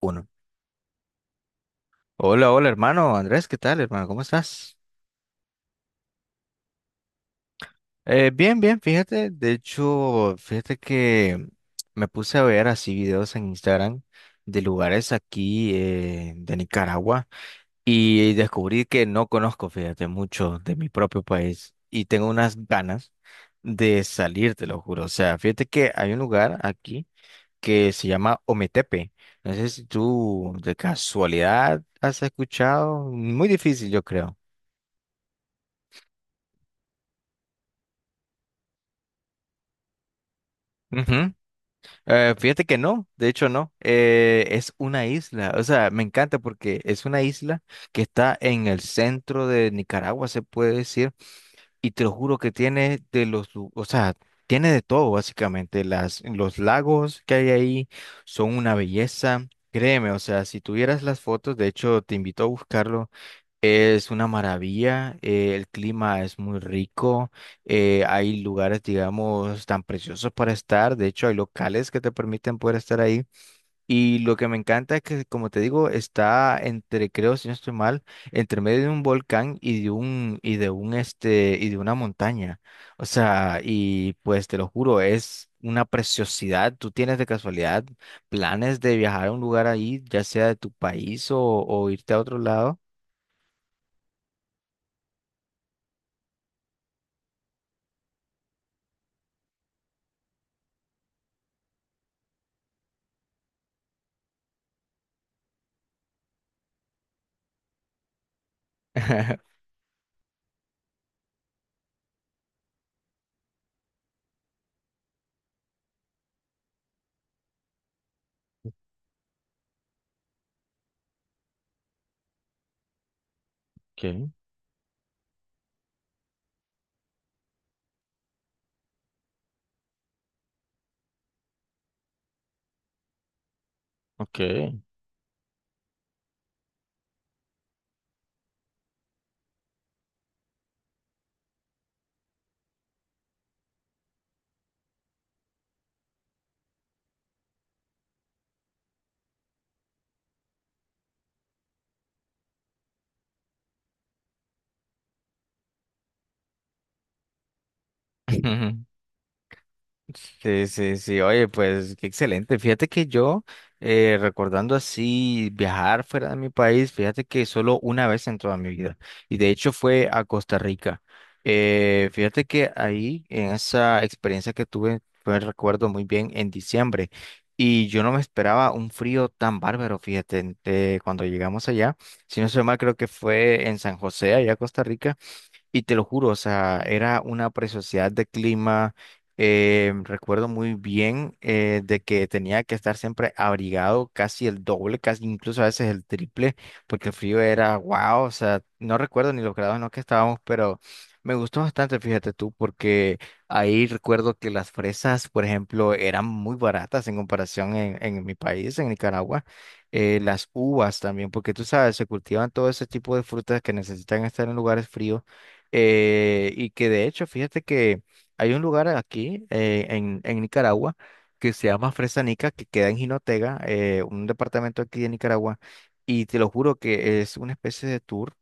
Uno. Hola, hola hermano, Andrés, ¿qué tal hermano? ¿Cómo estás? Bien, bien, fíjate, de hecho, fíjate que me puse a ver así videos en Instagram de lugares aquí de Nicaragua y descubrí que no conozco, fíjate, mucho de mi propio país y tengo unas ganas de salir, te lo juro. O sea, fíjate que hay un lugar aquí que se llama Ometepe. No sé si tú de casualidad has escuchado, muy difícil yo creo. Fíjate que no, de hecho no, es una isla, o sea, me encanta porque es una isla que está en el centro de Nicaragua, se puede decir, y te lo juro que tiene de los, o sea, tiene de todo básicamente, los lagos que hay ahí son una belleza, créeme, o sea, si tuvieras las fotos, de hecho te invito a buscarlo, es una maravilla, el clima es muy rico, hay lugares, digamos, tan preciosos para estar, de hecho hay locales que te permiten poder estar ahí y lo que me encanta es que, como te digo, está entre, creo, si no estoy mal, entre medio de un volcán y de una montaña, o sea, y pues te lo juro, es una preciosidad. ¿Tú tienes de casualidad planes de viajar a un lugar ahí, ya sea de tu país o irte a otro lado? Okay, okay. Sí, sí, sí, oye, pues qué excelente. Fíjate que yo, recordando así viajar fuera de mi país, fíjate que solo una vez en toda mi vida, y de hecho fue a Costa Rica. Fíjate que ahí, en esa experiencia que tuve, fue, recuerdo muy bien, en diciembre, y yo no me esperaba un frío tan bárbaro, fíjate, cuando llegamos allá, si no soy mal, creo que fue en San José, allá a Costa Rica. Y te lo juro, o sea, era una preciosidad de clima. Recuerdo muy bien de que tenía que estar siempre abrigado casi el doble, casi incluso a veces el triple, porque el frío era wow, o sea, no recuerdo ni los grados en los que estábamos, pero me gustó bastante, fíjate tú, porque ahí recuerdo que las fresas, por ejemplo, eran muy baratas en comparación en mi país, en Nicaragua. Las uvas también, porque tú sabes, se cultivan todo ese tipo de frutas que necesitan estar en lugares fríos y que de hecho, fíjate que hay un lugar aquí en Nicaragua que se llama Fresanica, que queda en Jinotega, un departamento aquí de Nicaragua. Y te lo juro que es una especie de tour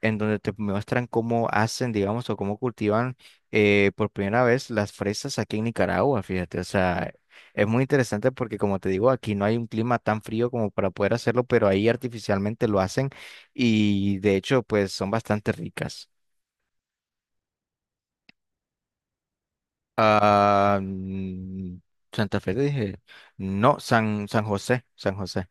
en donde te muestran cómo hacen, digamos, o cómo cultivan por primera vez las fresas aquí en Nicaragua, fíjate. O sea, es muy interesante porque, como te digo, aquí no hay un clima tan frío como para poder hacerlo, pero ahí artificialmente lo hacen y de hecho, pues son bastante ricas. Ah, mm, Santa Fe, te dije. No, San, San José, San José.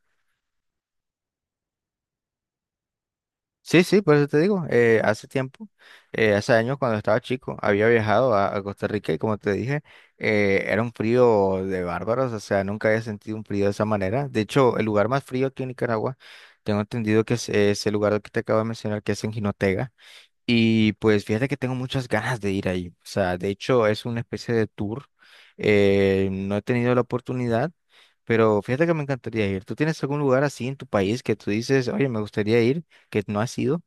Sí, sí, por eso te digo. Hace tiempo, hace años cuando estaba chico, había viajado a Costa Rica y como te dije, era un frío de bárbaros, o sea, nunca había sentido un frío de esa manera. De hecho, el lugar más frío aquí en Nicaragua, tengo entendido que es el lugar que te acabo de mencionar, que es en Jinotega. Y pues fíjate que tengo muchas ganas de ir ahí. O sea, de hecho, es una especie de tour. No he tenido la oportunidad. Pero fíjate que me encantaría ir. ¿Tú tienes algún lugar así en tu país que tú dices, oye, me gustaría ir, que no has ido?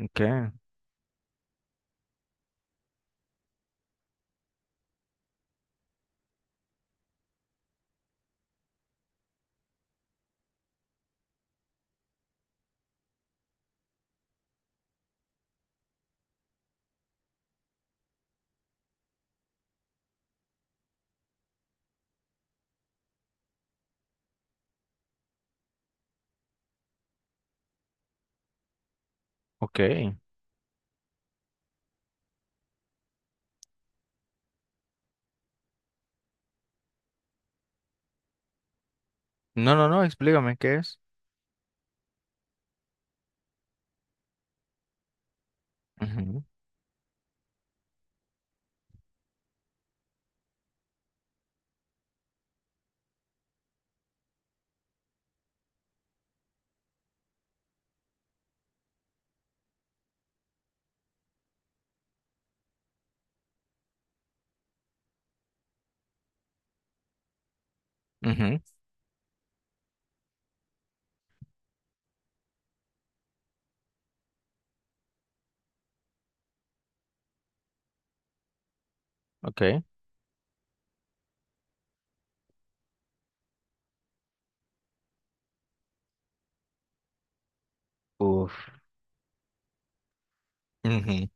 Okay, okay. No, no, no, explícame qué es. Ujú, ujú, ok. Uf. Ujú.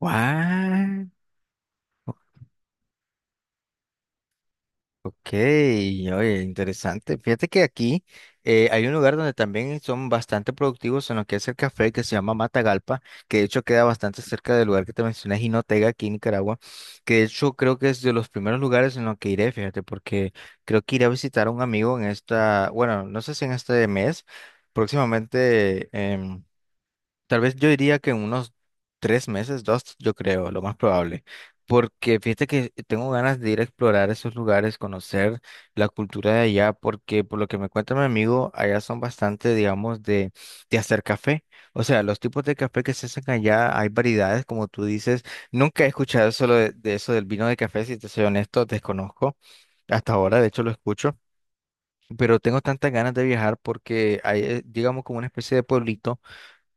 What? Ok, oye, interesante. Fíjate que aquí hay un lugar donde también son bastante productivos en lo que es el café, que se llama Matagalpa, que de hecho queda bastante cerca del lugar que te mencioné, Jinotega, aquí en Nicaragua, que de hecho creo que es de los primeros lugares en los que iré, fíjate, porque creo que iré a visitar a un amigo en esta, bueno, no sé si en este mes, próximamente tal vez yo diría que en unos tres meses, dos, yo creo, lo más probable. Porque fíjate que tengo ganas de ir a explorar esos lugares, conocer la cultura de allá, porque por lo que me cuenta mi amigo, allá son bastante, digamos, de hacer café. O sea, los tipos de café que se hacen allá, hay variedades, como tú dices. Nunca he escuchado solo de eso del vino de café, si te soy honesto, desconozco. Hasta ahora, de hecho, lo escucho. Pero tengo tantas ganas de viajar porque hay, digamos, como una especie de pueblito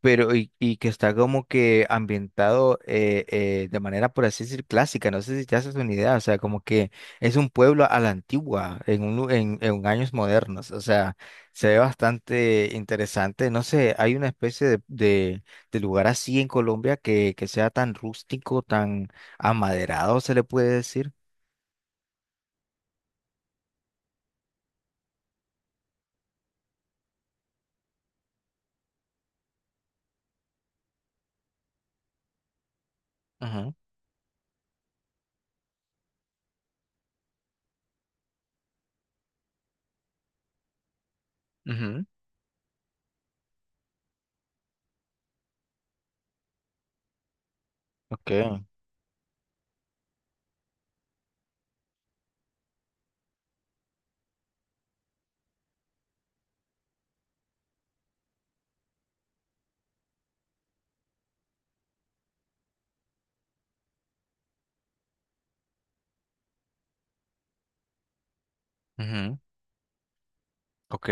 pero y que está como que ambientado de manera, por así decir, clásica. No sé si te haces una idea, o sea, como que es un pueblo a la antigua, en, un, lu- en años modernos, o sea, se ve bastante interesante. No sé, hay una especie de lugar así en Colombia que sea tan rústico, tan amaderado, se le puede decir. Ajá, ujú, ok, ujú, ok,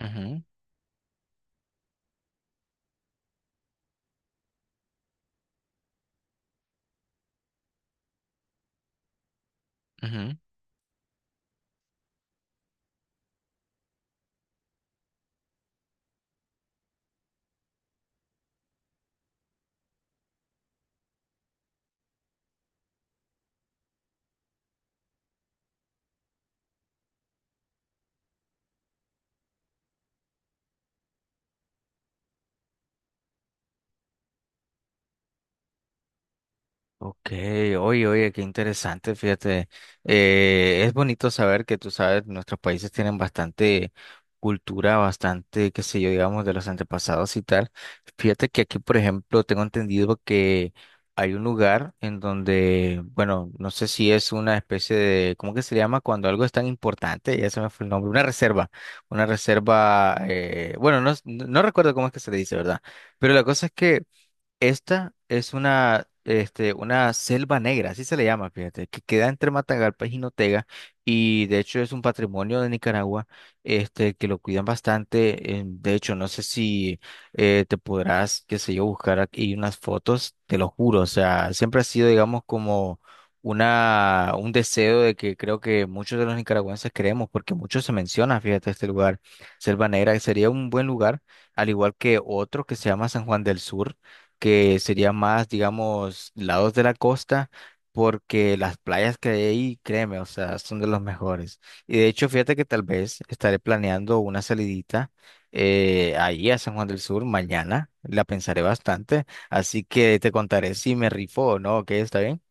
ujú, ujú. Ok, oye, oye, qué interesante, fíjate. Es bonito saber que tú sabes, nuestros países tienen bastante cultura, bastante, qué sé yo, digamos, de los antepasados y tal. Fíjate que aquí, por ejemplo, tengo entendido que hay un lugar en donde, bueno, no sé si es una especie de, ¿cómo que se llama? Cuando algo es tan importante, ya se me fue el nombre, una reserva, bueno, no, no no recuerdo cómo es que se le dice, ¿verdad? Pero la cosa es que esta es una, este, una selva negra, así se le llama, fíjate, que queda entre Matagalpa y Jinotega, y de hecho es un patrimonio de Nicaragua, este, que lo cuidan bastante. De hecho, no sé si te podrás, qué sé yo, buscar aquí unas fotos, te lo juro, o sea, siempre ha sido, digamos, como una, un deseo de que creo que muchos de los nicaragüenses queremos, porque mucho se menciona, fíjate, este lugar, Selva Negra, que sería un buen lugar, al igual que otro que se llama San Juan del Sur, que sería más, digamos, lados de la costa, porque las playas que hay ahí, créeme, o sea, son de los mejores. Y de hecho, fíjate que tal vez estaré planeando una salidita ahí a San Juan del Sur mañana, la pensaré bastante, así que te contaré si me rifo o no, ¿ok? ¿Está bien?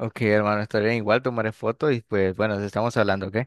Ok, hermano, está bien, igual tomaré fotos y pues bueno, estamos hablando, ¿ok?